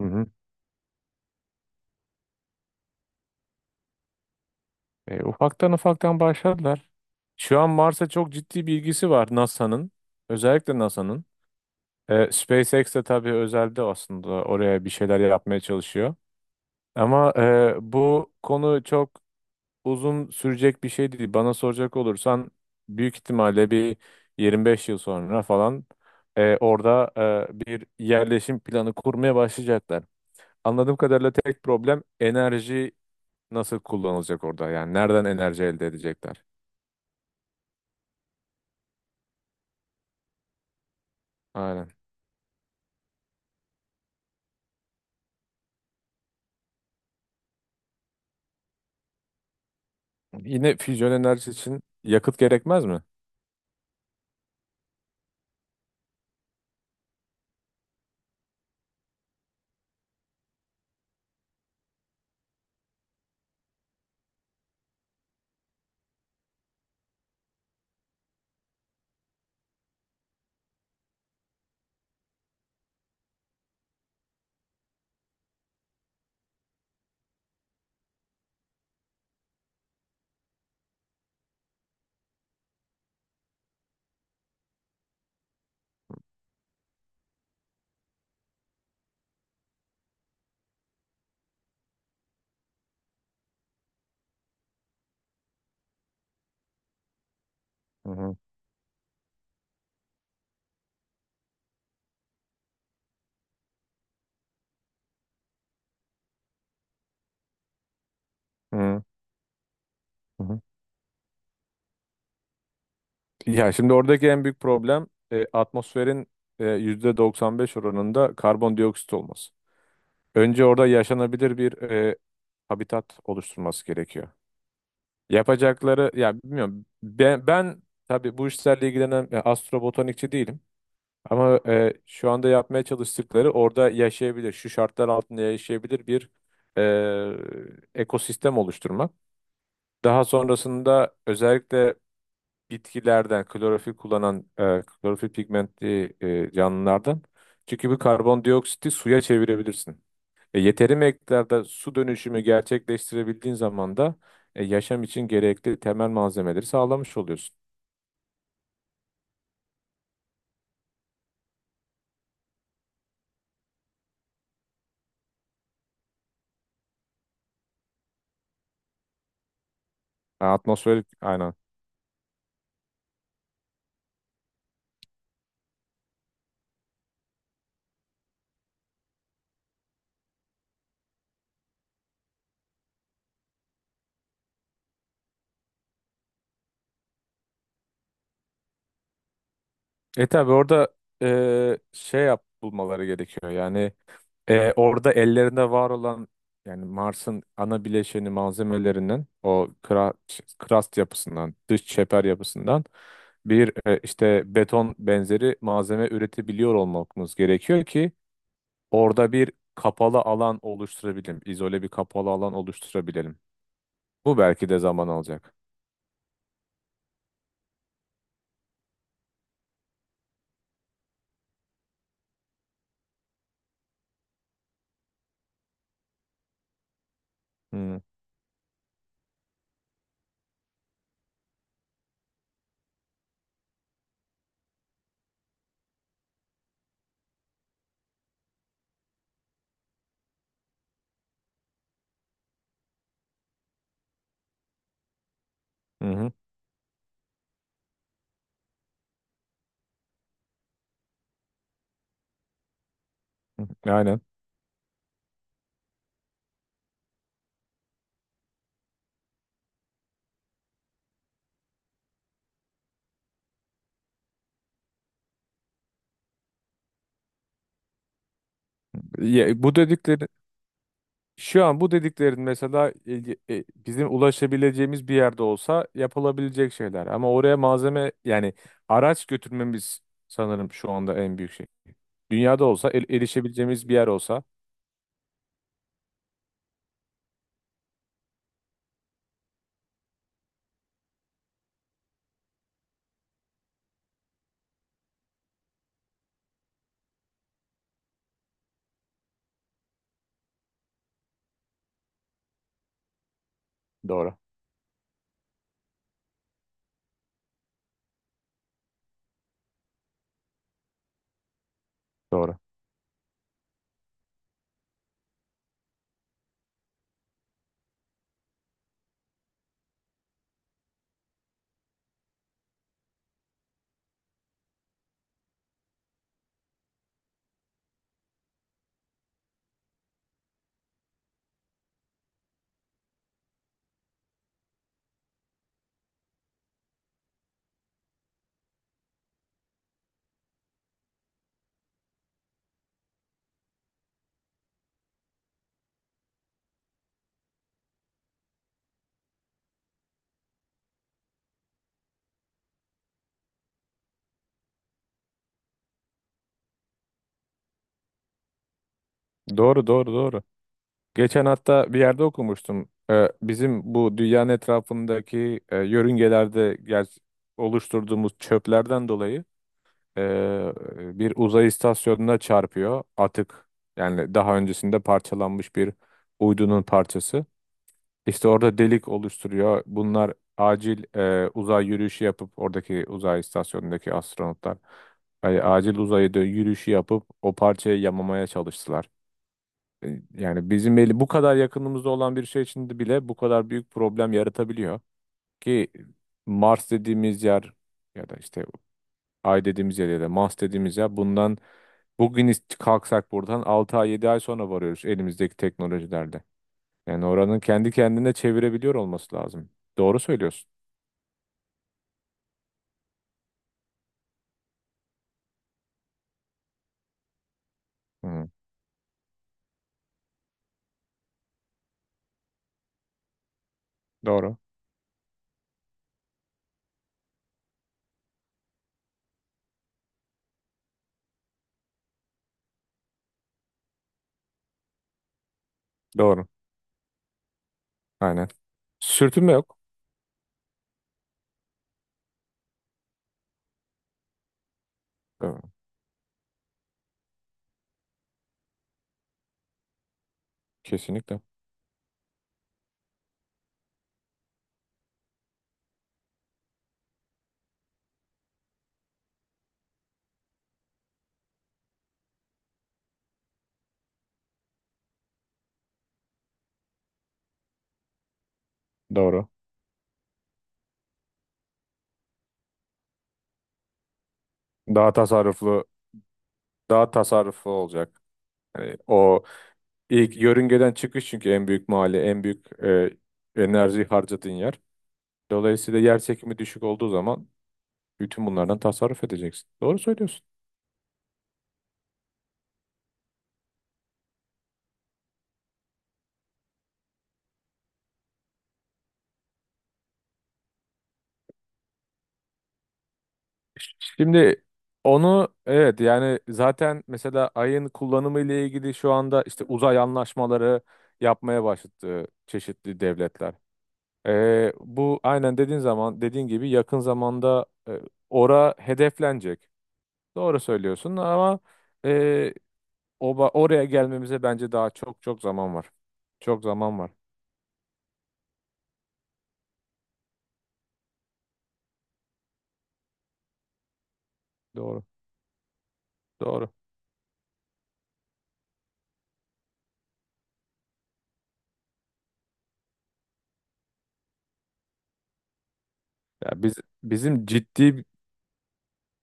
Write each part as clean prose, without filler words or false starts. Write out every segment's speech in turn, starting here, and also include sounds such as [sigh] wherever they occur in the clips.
Hı hı. Ufaktan başladılar. Şu an Mars'a çok ciddi bir ilgisi var NASA'nın. Özellikle NASA'nın. SpaceX de tabii özelde aslında oraya bir şeyler yapmaya çalışıyor. Ama bu konu çok uzun sürecek bir şey değil. Bana soracak olursan büyük ihtimalle bir 25 yıl sonra falan, orada bir yerleşim planı kurmaya başlayacaklar. Anladığım kadarıyla tek problem enerji nasıl kullanılacak orada? Yani nereden enerji elde edecekler? Aynen. Yine füzyon enerjisi için yakıt gerekmez mi? Hı hı. Hı hı. Ya şimdi oradaki en büyük problem atmosferin %95 oranında karbondioksit olması. Önce orada yaşanabilir bir habitat oluşturması gerekiyor. Yapacakları ya bilmiyorum, ben tabii bu işlerle ilgilenen astrobotanikçi değilim. Ama şu anda yapmaya çalıştıkları orada yaşayabilir, şu şartlar altında yaşayabilir bir ekosistem oluşturmak. Daha sonrasında özellikle bitkilerden klorofil kullanan klorofil pigmentli canlılardan, çünkü bu karbondioksiti suya çevirebilirsin. Yeteri miktarda su dönüşümü gerçekleştirebildiğin zaman da yaşam için gerekli temel malzemeleri sağlamış oluyorsun. Atmosferik, aynen. E tabi orada şey yap bulmaları gerekiyor. Yani orada ellerinde var olan, yani Mars'ın ana bileşeni malzemelerinden, o kra-, krast yapısından, dış çeper yapısından bir işte beton benzeri malzeme üretebiliyor olmamız gerekiyor ki orada bir kapalı alan oluşturabilelim. İzole bir kapalı alan oluşturabilelim. Bu belki de zaman alacak. Hı hı hı. Aynen. Ya, bu dedikleri Şu an bu dediklerin mesela ilgi-, bizim ulaşabileceğimiz bir yerde olsa yapılabilecek şeyler. Ama oraya malzeme, yani araç götürmemiz sanırım şu anda en büyük şey. Dünyada olsa, el- erişebileceğimiz bir yer olsa. Doğru. Doğru. Doğru, doğru, doğru. Geçen hatta bir yerde okumuştum. Bizim bu dünyanın etrafındaki yörüngelerde ger- oluşturduğumuz çöplerden dolayı Ee, bir uzay istasyonuna çarpıyor atık. Yani daha öncesinde parçalanmış bir uydunun parçası. İşte orada delik oluşturuyor. Bunlar acil uzay yürüyüşü yapıp oradaki uzay istasyonundaki astronotlar acil uzayda yürüyüşü yapıp o parçayı yamamaya çalıştılar. Yani bizim eli bu kadar yakınımızda olan bir şey içinde bile bu kadar büyük problem yaratabiliyor ki Mars dediğimiz yer, ya da işte Ay dediğimiz yer ya da Mars dediğimiz yer bundan... Bugün ist- kalksak buradan 6 ay, 7 ay sonra varıyoruz elimizdeki teknolojilerle. Yani oranın kendi kendine çevirebiliyor olması lazım. Doğru söylüyorsun. Hı, doğru. Doğru. Aynen. Sürtünme yok. Doğru. Kesinlikle. Doğru. Daha tasarruflu, daha tasarruflu olacak. Yani o ilk yörüngeden çıkış, çünkü en büyük mali, en büyük enerji harcadığın yer. Dolayısıyla yer çekimi düşük olduğu zaman bütün bunlardan tasarruf edeceksin. Doğru söylüyorsun. Şimdi onu, evet, yani zaten mesela ayın kullanımı ile ilgili şu anda işte uzay anlaşmaları yapmaya başladı çeşitli devletler. Bu aynen dediğin zaman, dediğin gibi yakın zamanda ora hedeflenecek. Doğru söylüyorsun ama e, oba-, oraya gelmemize bence daha çok çok zaman var. Çok zaman var. Doğru. Doğru. Ya biz bizim ciddi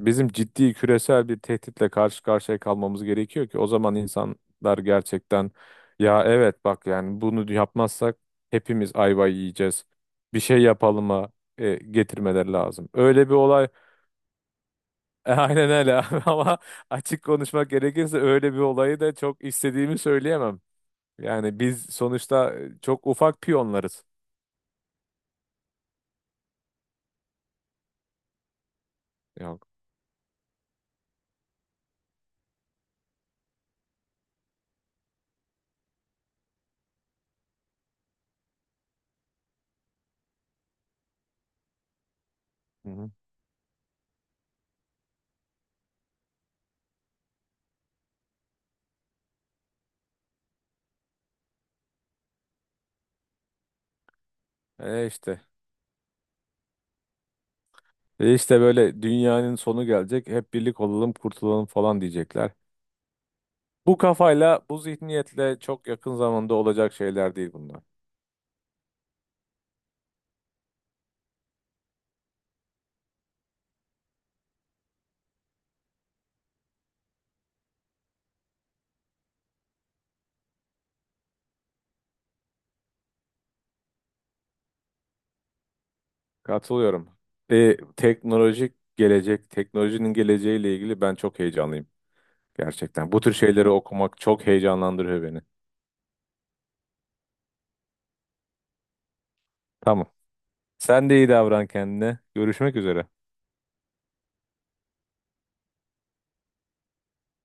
Bizim ciddi küresel bir tehditle karşı karşıya kalmamız gerekiyor ki o zaman insanlar gerçekten ya evet bak yani bunu yapmazsak hepimiz ayva yiyeceğiz. Bir şey yapalım'a getirmeleri lazım. Öyle bir olay... [laughs] Aynen öyle. [laughs] Ama açık konuşmak gerekirse, öyle bir olayı da çok istediğimi söyleyemem. Yani biz sonuçta çok ufak piyonlarız. Hı hı. E işte. E işte, böyle dünyanın sonu gelecek. Hep birlik olalım, kurtulalım falan diyecekler. Bu kafayla, bu zihniyetle çok yakın zamanda olacak şeyler değil bunlar. Katılıyorum. Teknolojik gelecek, teknolojinin geleceğiyle ilgili ben çok heyecanlıyım. Gerçekten. Bu tür şeyleri okumak çok heyecanlandırıyor beni. Tamam. Sen de iyi davran kendine. Görüşmek üzere.